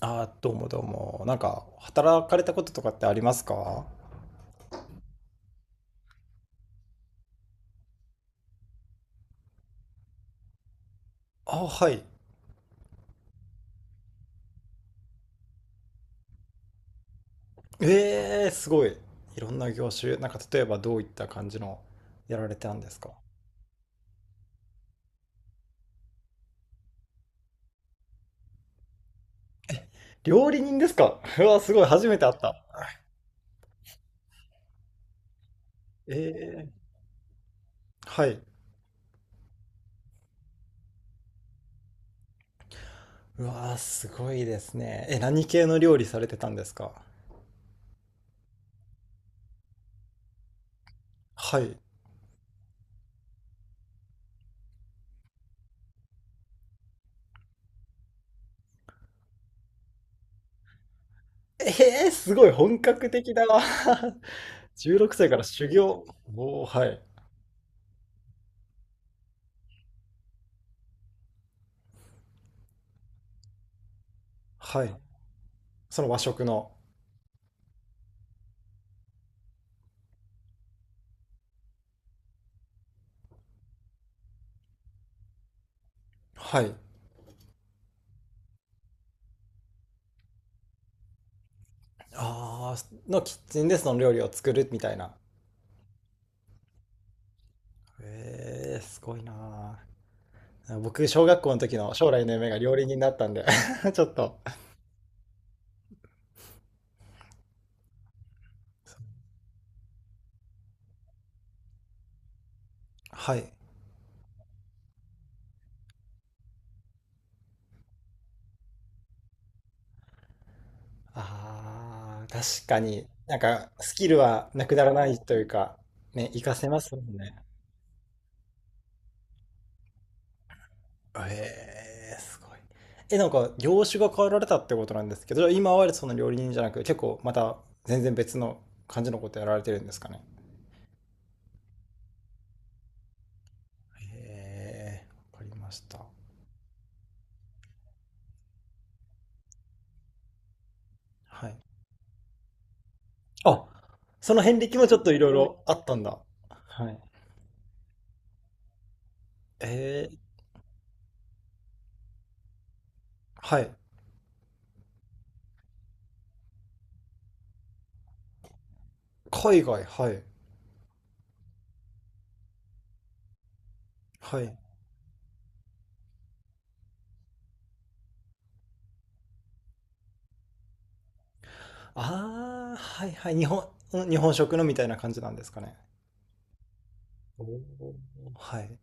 あー、どうもどうも。働かれたこととかってありますか？あ、はい。えー、すごい。いろんな業種。例えばどういった感じのやられてたんですか？料理人ですか？うわ、すごい。初めて会った。えー、はい。うわー、すごいですね。え、何系の料理されてたんですか？はい。えー、すごい。本格的だわ。16歳から修行。おー、はい。はい。その和食の。はい。ああ、のキッチンでその料理を作るみたいな。ええ、すごいなあ。僕、小学校の時の将来の夢が料理人だったんで ちょっと。はい。ああ、確かに。スキルはなくならないというか、ね、活かせますもんね。ええ、すごい。え、業種が変わられたってことなんですけど、今はその料理人じゃなく、結構また全然別の感じのことやられてるんですかね。ええ、わかりました。はい。あ、その遍歴もちょっといろいろあったんだ。はい。えー、はい。海外、はい。はい。ああ、はいはい。日本、日本食のみたいな感じなんですかね。おー、はい。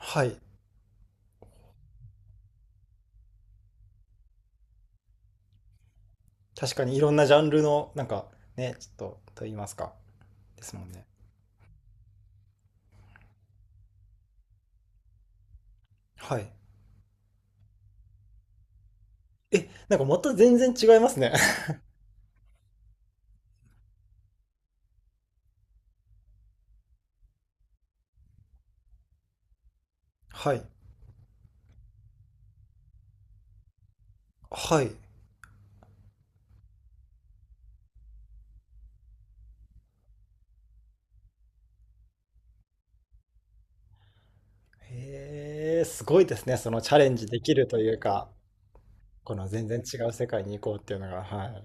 はい。確かにいろんなジャンルの、なんかね、ちょっと、と言いますか。ですもんね。はい。え、なんかまた全然違いますね。はい。はい。へえ、すごいですね。そのチャレンジできるというか、この全然違う世界に行こうっていうのが、はい。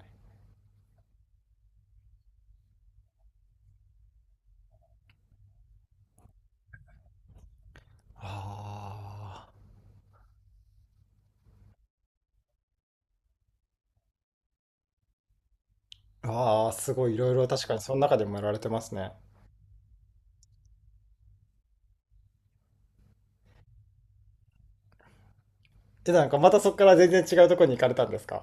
あーあー、すごいいろいろ確かにその中でもやられてますね。で、なんかまたそこから全然違うところに行かれたんですか？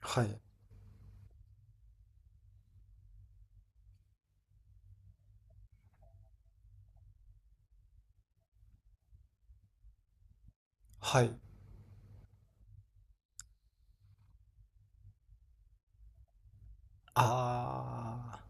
はい。はい。あ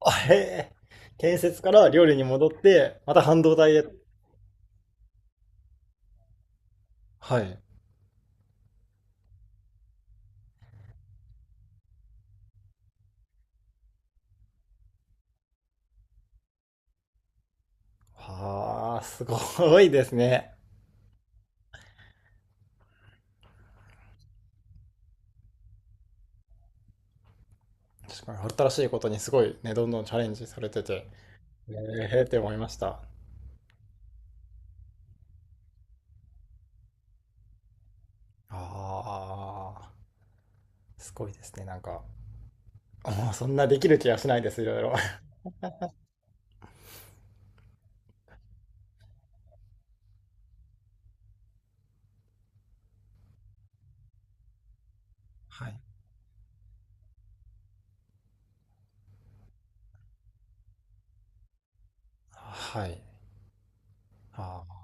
あ。あ、へえ。建設から料理に戻って、また半導体へ。はい。ああ、すごいですね。確かに新しいことにすごいね、どんどんチャレンジされてて、ええって思いました。ああ、すごいですね、なんか。もうそんなできる気がしないです、いろいろ。はい。はい。ああ。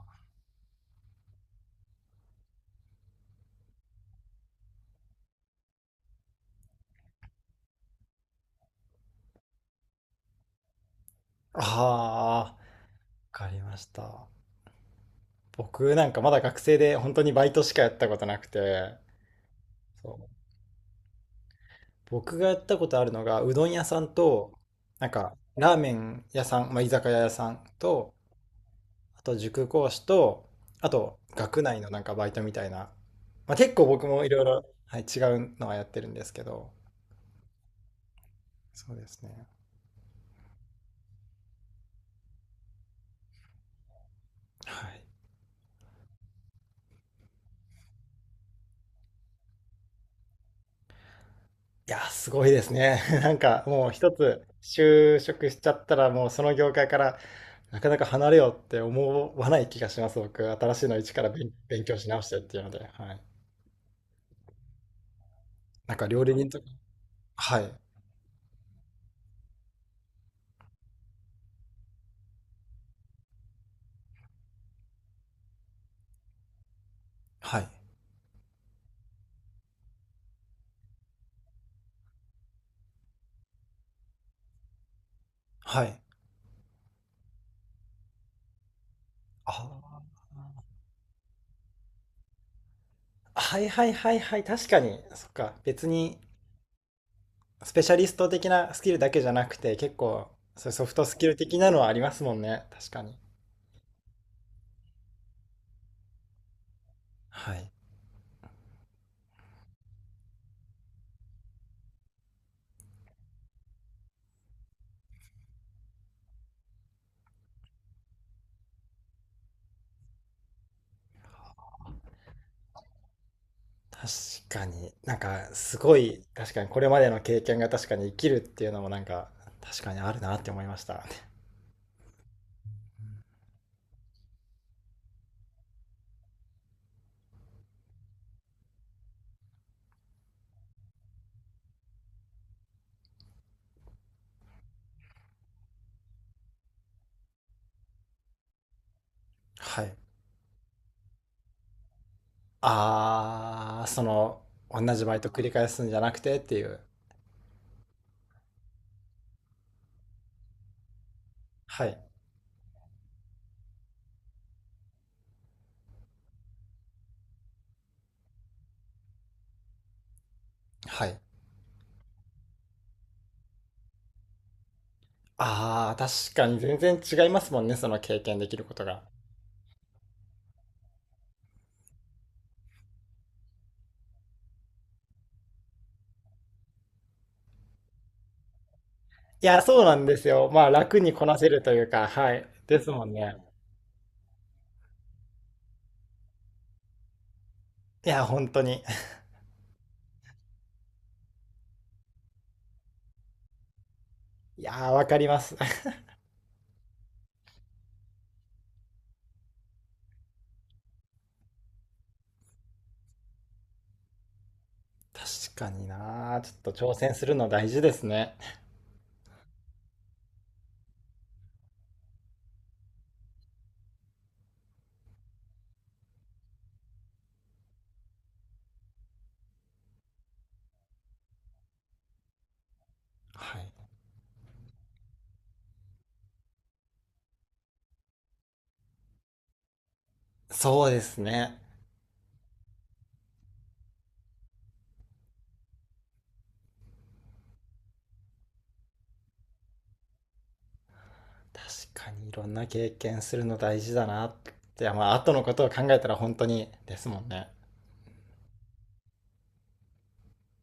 ああ、わかりました。僕なんかまだ学生で本当にバイトしかやったことなくて、そう、僕がやったことあるのがうどん屋さんと、なんかラーメン屋さん、まあ、居酒屋屋さんと、あと塾講師と、あと学内のなんかバイトみたいな、まあ、結構僕もいろいろ、はい、違うのはやってるんですけど、そうですね。はい。いやすごいですね。なんかもう一つ就職しちゃったらもうその業界からなかなか離れようって思わない気がします、僕。新しいの一から勉強し直してっていうので、はい。なんか料理人とか、はい、はい、はい。ああ、はいはいはいはい、確かに、そっか、別にスペシャリスト的なスキルだけじゃなくて、結構、そういうソフトスキル的なのはありますもんね、確かに。はい。確かに、なんか、すごい、確かにこれまでの経験が確かに生きるっていうのもなんか、確かにあるなって思いました。はい。ああ、その、同じバイト繰り返すんじゃなくてっていう。はい。はい。ああ、確かに全然違いますもんね、その経験できることが。いや、そうなんですよ。まあ、楽にこなせるというか、はい。ですもんね。いや、本当に。いやー、わかります。確かになー。ちょっと挑戦するの大事ですね。はい。そうですね。確かにいろんな経験するの大事だなって。や、まあ、後のことを考えたら本当にですもんね。